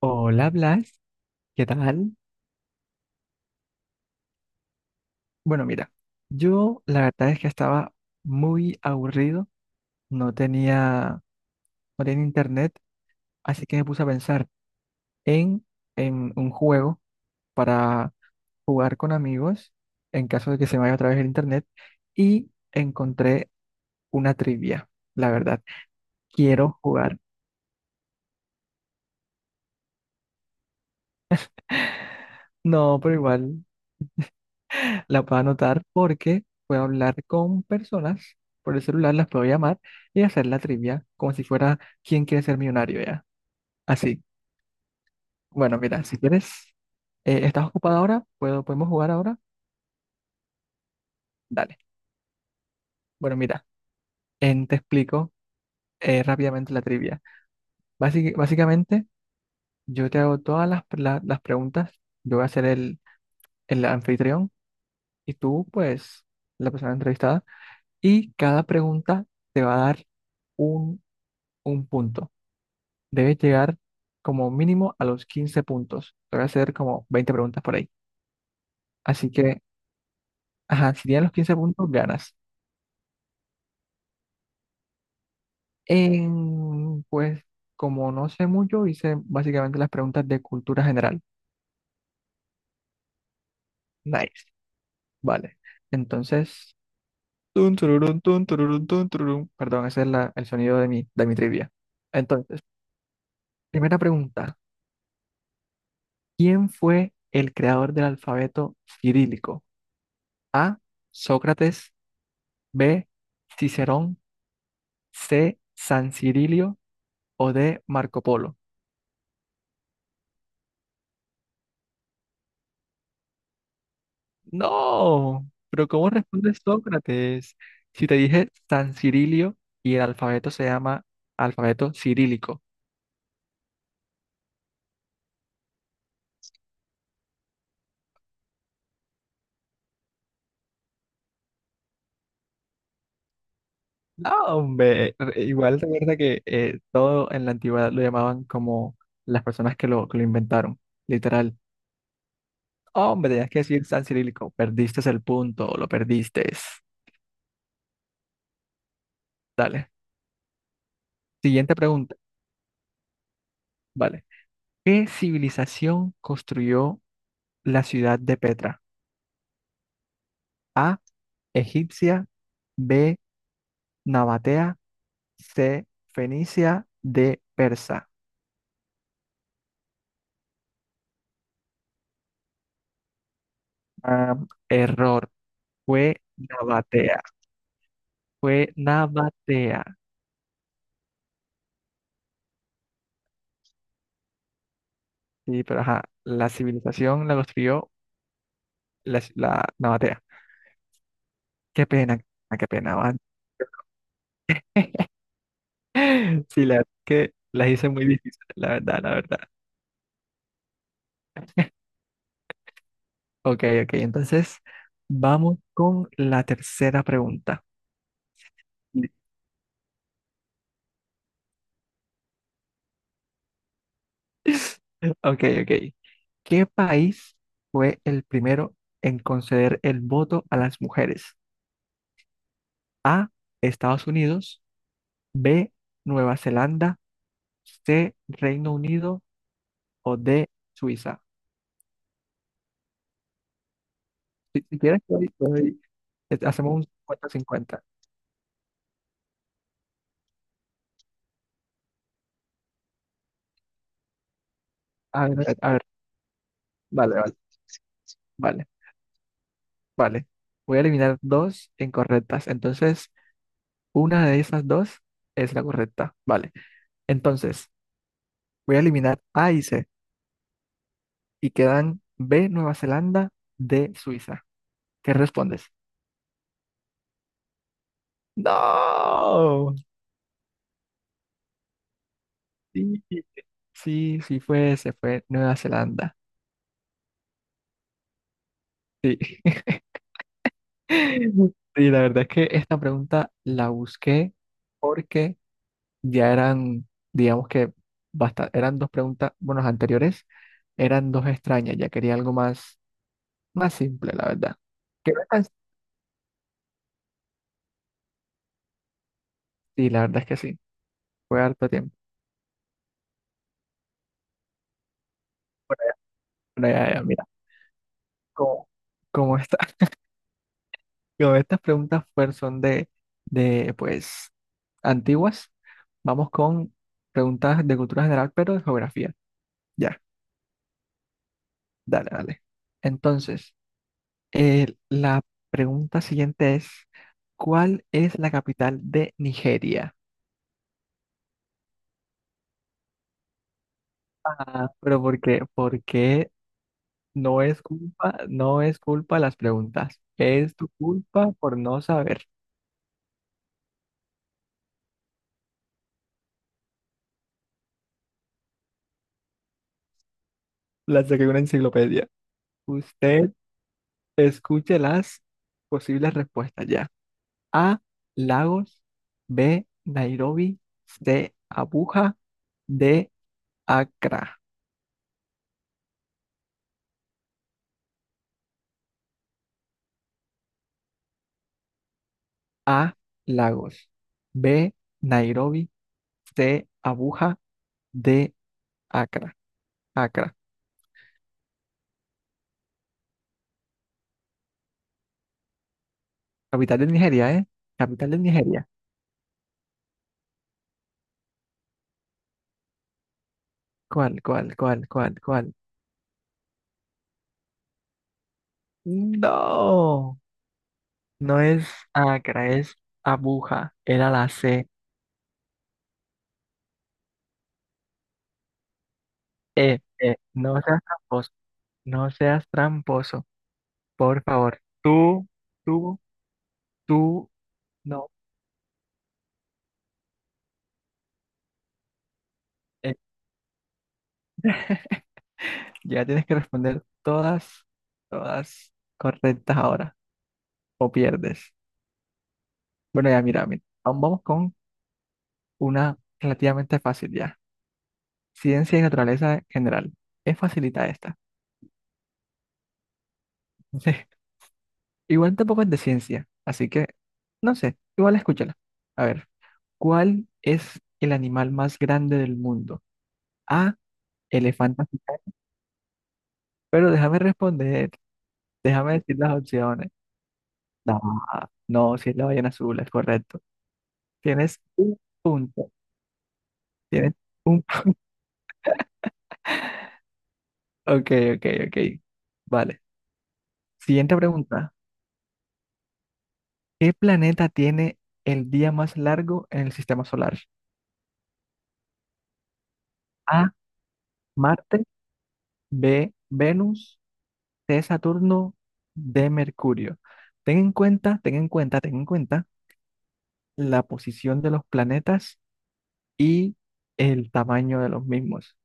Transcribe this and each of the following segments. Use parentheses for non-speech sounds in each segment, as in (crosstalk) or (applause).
Hola Blas, ¿qué tal? Bueno, mira, yo la verdad es que estaba muy aburrido, no tenía, no tenía internet, así que me puse a pensar en, en un juego para jugar con amigos en caso de que se me vaya otra vez el internet y encontré una trivia, la verdad. Quiero jugar. No, pero igual la puedo anotar porque puedo hablar con personas por el celular, las puedo llamar y hacer la trivia como si fuera Quién Quiere Ser Millonario ya. Así. Bueno, mira, si quieres, ¿estás ocupada ahora? ¿Podemos jugar ahora? Dale. Bueno, mira, te explico rápidamente la trivia. Básicamente, yo te hago todas las preguntas, yo voy a ser el anfitrión y tú, pues, la persona entrevistada. Y cada pregunta te va a dar un, un punto. Debes llegar como mínimo a los 15 puntos. Te voy a hacer como 20 preguntas por ahí. Así que, ajá, si tienes los 15 puntos, ganas. Pues, como no sé mucho, hice básicamente las preguntas de cultura general. Nice. Vale. Entonces, tun, tururún, tun, tururún, tun, tururún. Perdón, ese es el sonido de mi trivia. Entonces, primera pregunta. ¿Quién fue el creador del alfabeto cirílico? A, Sócrates. B, Cicerón. C, San Cirilio. O D, Marco Polo. No, pero ¿cómo responde Sócrates? Si te dije San Cirilio y el alfabeto se llama alfabeto cirílico. No, hombre, igual recuerda que todo en la antigüedad lo llamaban como las personas que lo inventaron, literal. Hombre, tenías que decir San Cirílico, perdiste el punto, lo perdiste. Dale. Siguiente pregunta, vale. ¿Qué civilización construyó la ciudad de Petra? A, egipcia. B, nabatea. C, fenicia. D, persa. Ah, error, fue nabatea, fue nabatea. Sí, pero ajá, la civilización la construyó la nabatea. Qué pena, ah, qué pena, van. (laughs) Sí, la verdad que las hice muy difíciles, la verdad, la verdad. Ok, ok, entonces vamos con la tercera pregunta. Ok, ok. ¿Qué país fue el primero en conceder el voto a las mujeres? A, Estados Unidos. B, Nueva Zelanda. C, Reino Unido. O D, Suiza. Si quieres, hacemos un 50 cincuenta. A ver, vale, vale, vale, vale. Voy a eliminar dos incorrectas. Entonces, una de esas dos es la correcta. Vale. Entonces, voy a eliminar A y C, y quedan B, Nueva Zelanda, D, Suiza. ¿Qué respondes? No, sí, sí, sí fue, se fue Nueva Zelanda. Sí. (laughs) Sí, la verdad es que esta pregunta la busqué porque ya eran, digamos que basta, eran dos preguntas, bueno, las anteriores eran dos extrañas, ya quería algo más, más simple, la verdad. ¿Qué me estás- Sí, la verdad es que sí, fue harto tiempo. Bueno, ya, ya, mira, como, como está. Yo, estas preguntas pues, son de, pues, antiguas. Vamos con preguntas de cultura general, pero de geografía. Ya, dale, dale. Entonces, la pregunta siguiente es, ¿cuál es la capital de Nigeria? Ah, pero ¿por qué? Porque no es culpa, no es culpa las preguntas. Es tu culpa por no saber. La saqué de una enciclopedia. Usted escuche las posibles respuestas ya. A, Lagos. B, Nairobi. C, Abuja. D, Accra. A, Lagos. B, Nairobi. C, Abuja. D, Accra. Accra, capital de Nigeria, ¿eh? Capital de Nigeria. ¿Cuál, cuál, cuál, cuál, cuál? No, no es Accra, es Abuja. Era la C. No seas tramposo, no seas tramposo, por favor. Tú, tú, tú. No. Eh, ya tienes que responder todas, todas correctas ahora, o pierdes. Bueno, ya mira, mira, aún vamos con una relativamente fácil ya. Ciencia y naturaleza en general. Es facilita esta. (laughs) Sí. Igual tampoco es de ciencia, así que, no sé, igual escúchala. A ver, ¿cuál es el animal más grande del mundo? A, elefante africano. Pero déjame responder, déjame decir las opciones. No, no, si es la ballena azul, es correcto. Tienes un punto. Tienes un... (laughs) Ok, ok, ok. Vale. Siguiente pregunta. ¿Qué planeta tiene el día más largo en el sistema solar? A, Marte. B, Venus. C, Saturno. D, Mercurio. Ten en cuenta, ten en cuenta, ten en cuenta la posición de los planetas y el tamaño de los mismos.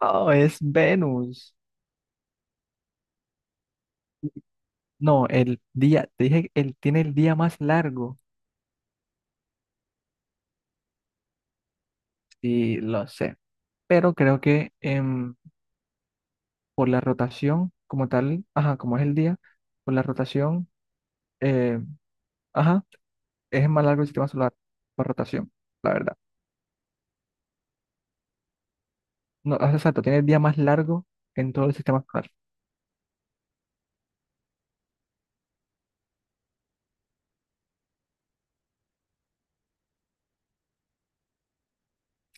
Oh, es Venus. No, el día, te dije, él tiene el día más largo. Sí, lo sé. Pero creo que por la rotación como tal, ajá, como es el día, por la rotación, eh, ajá, es más largo el sistema solar por rotación, la verdad. No, ah, exacto, tiene el día más largo en todo el sistema solar.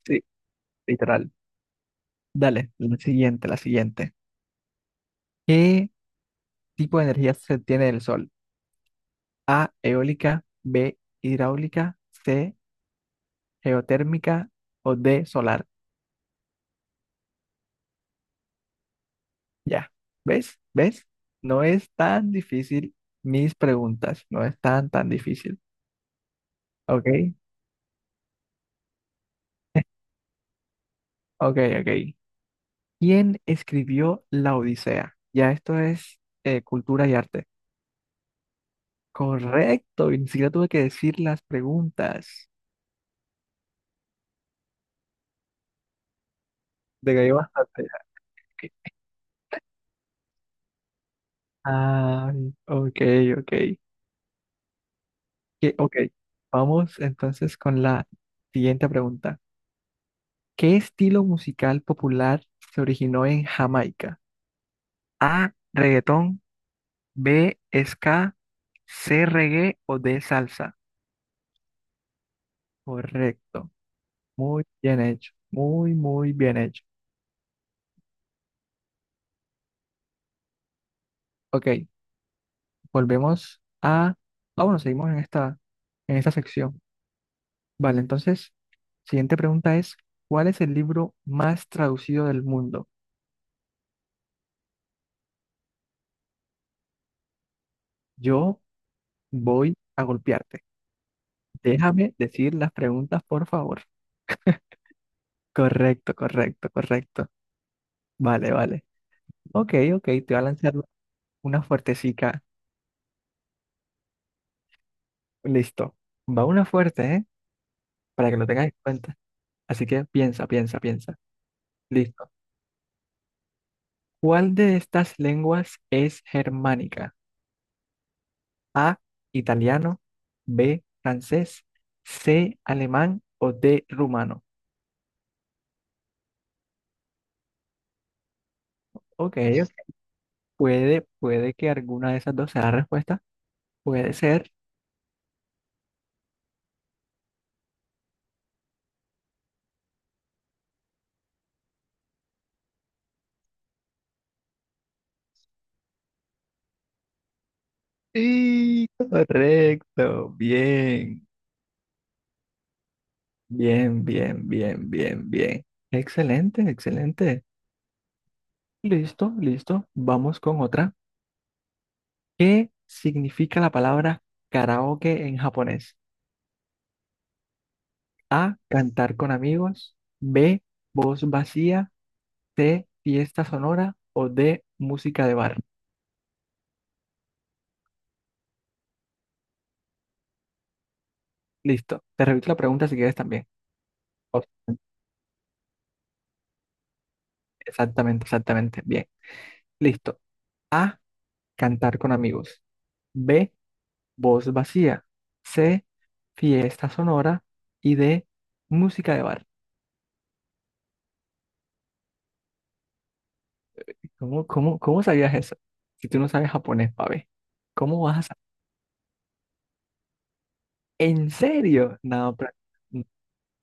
Sí, literal. Dale, la siguiente, la siguiente. ¿Qué tipo de energía se tiene del sol? A, eólica. B, hidráulica. C, geotérmica. O D, solar. Ya, ¿ves? ¿Ves? No es tan difícil mis preguntas, no es tan, tan difícil. ¿Ok? Ok, ok. ¿Quién escribió La Odisea? Ya esto es cultura y arte. Correcto, y ni siquiera tuve que decir las preguntas. Te caí bastante. Ok. Ay, ok, ok. Ok, vamos entonces con la siguiente pregunta. ¿Qué estilo musical popular se originó en Jamaica? A, reggaetón. B, ska. C, reggae. O D, salsa. Correcto. Muy bien hecho. Muy, muy bien hecho. Ok, volvemos a... Ah, bueno, seguimos en esta sección. Vale, entonces, siguiente pregunta es, ¿cuál es el libro más traducido del mundo? Yo voy a golpearte. Déjame decir las preguntas, por favor. Correcto, correcto, correcto. Vale, vale. Ok, ok, te voy a lanzar una fuertecica. Listo. Va una fuerte, ¿eh? Para que lo tengas en cuenta. Así que piensa, piensa, piensa. Listo. ¿Cuál de estas lenguas es germánica? A, italiano. B, francés. C, alemán. O D, rumano. Ok, ok. Puede que alguna de esas dos sea la respuesta. Puede ser. Y correcto, bien, bien, bien, bien, bien, bien. Excelente, excelente. Listo, listo. Vamos con otra. ¿Qué significa la palabra karaoke en japonés? A, cantar con amigos. B, voz vacía. De fiesta sonora. O de música de bar. Listo. Te repito la pregunta si quieres también. O- Exactamente, exactamente. Bien. Listo. A, cantar con amigos. B, voz vacía. C, fiesta sonora. Y D, música de bar. ¿Cómo, cómo, cómo sabías eso? Si tú no sabes japonés, pabe. ¿Cómo vas a sa- ¿En serio? No, n-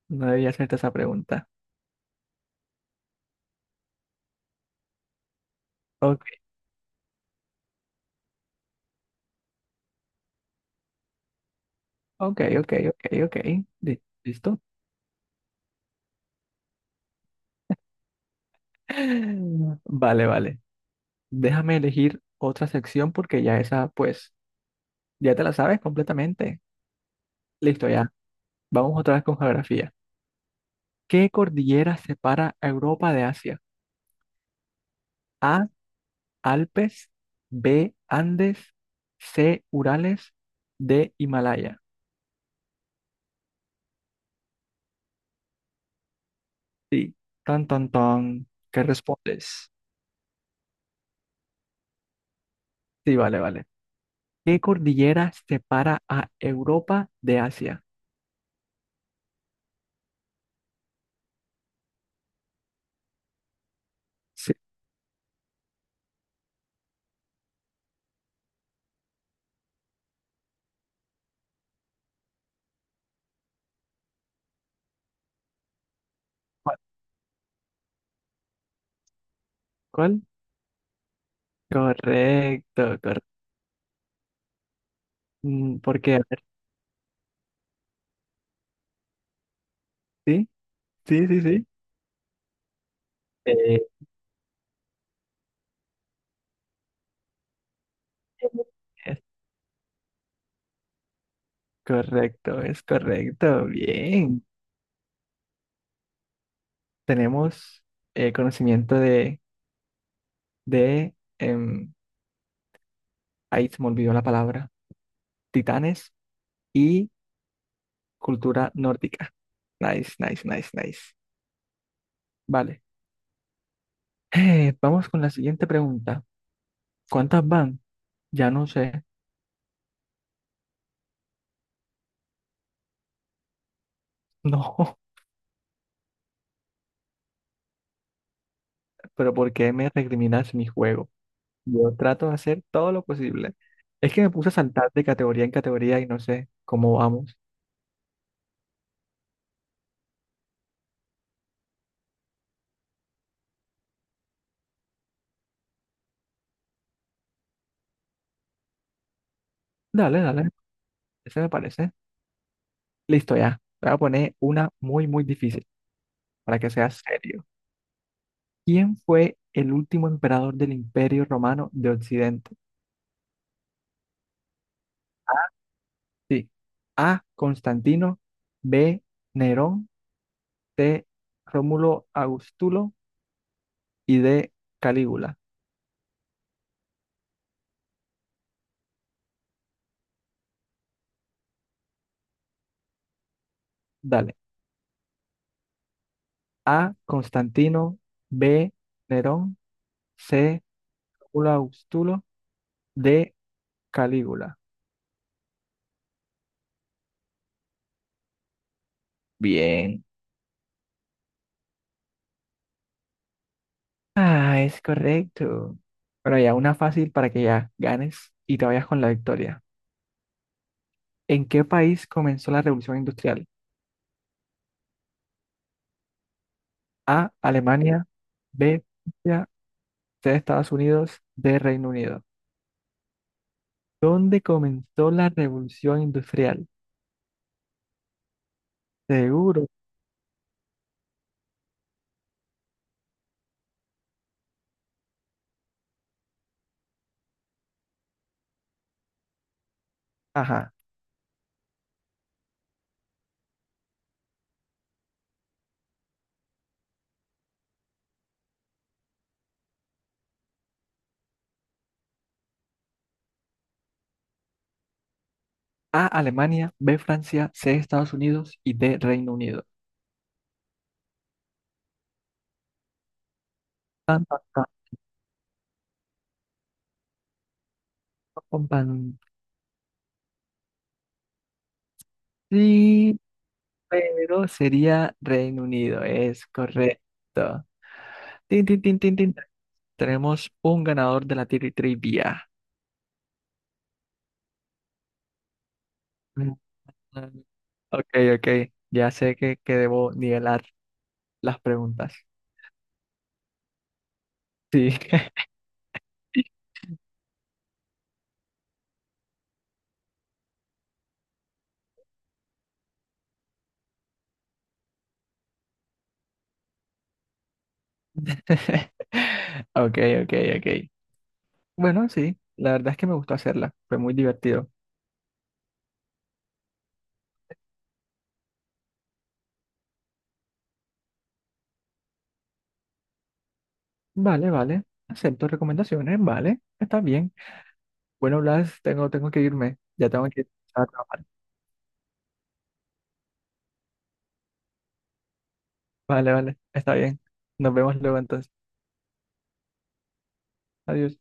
no debía hacerte esa pregunta. Ok, ok, ok, ok, ok. ¿Listo? (gasps) (laughs) Vale, vale. Déjame elegir otra sección porque ya esa, pues, ya te la sabes completamente. Listo, ya. Vamos otra vez con geografía. ¿Qué cordillera separa a Europa de Asia? A, Alpes. B, Andes. C, Urales. D, Himalaya. Sí. Tan, tan, tan. ¿Qué respondes? Sí, vale, vale. ¿Qué cordillera separa a Europa de Asia? Sí. ¿Cuál? ¿Cuál? Correcto, correcto. ¿Por qué? A ver, sí, sí, sí, sí. Eh, (laughs) Es correcto, es correcto. Bien. Tenemos conocimiento de, ahí se me olvidó la palabra, titanes y cultura nórdica. Nice, nice, nice, nice. Vale. Vamos con la siguiente pregunta. ¿Cuántas van? Ya no sé. (laughs) No, pero ¿por qué me recriminas mi juego? Yo trato de hacer todo lo posible. Es que me puse a saltar de categoría en categoría y no sé cómo vamos. Dale, dale. Ese me parece. Listo, ya. Te voy a poner una muy, muy difícil para que sea serio. ¿Quién fue el último emperador del Imperio Romano de Occidente? Sí. A, Constantino. B, Nerón. C, Rómulo Augustulo. Y D, Calígula. Dale. A, Constantino. B, Nerón. C, Rómulo Augustulo. D, Calígula. Bien. Ah, es correcto. Pero ya, una fácil para que ya ganes y te vayas con la victoria. ¿En qué país comenzó la Revolución Industrial? A, Alemania. B, Francia. C, Estados Unidos. D, Reino Unido. ¿Dónde comenzó la Revolución Industrial? Seguro. Ajá. A, Alemania. B, Francia. C, Estados Unidos. Y D, Reino Unido. Vamos con pan- Sí, pero sería Reino Unido. Es correcto. Tin, tin, tin, tin, tin. Tenemos un ganador de la trivia. Mm. Ok, ok. Ya sé que debo nivelar las preguntas. Sí. (laughs) Ok, ok, ok. Bueno, sí, la verdad es que me gustó hacerla. Fue muy divertido. Vale, vale. Acepto recomendaciones, vale. Está bien. Bueno, Blas, tengo que irme. Ya tengo que ir a trabajar. Vale, vale. Está bien. Nos vemos luego entonces. Adiós.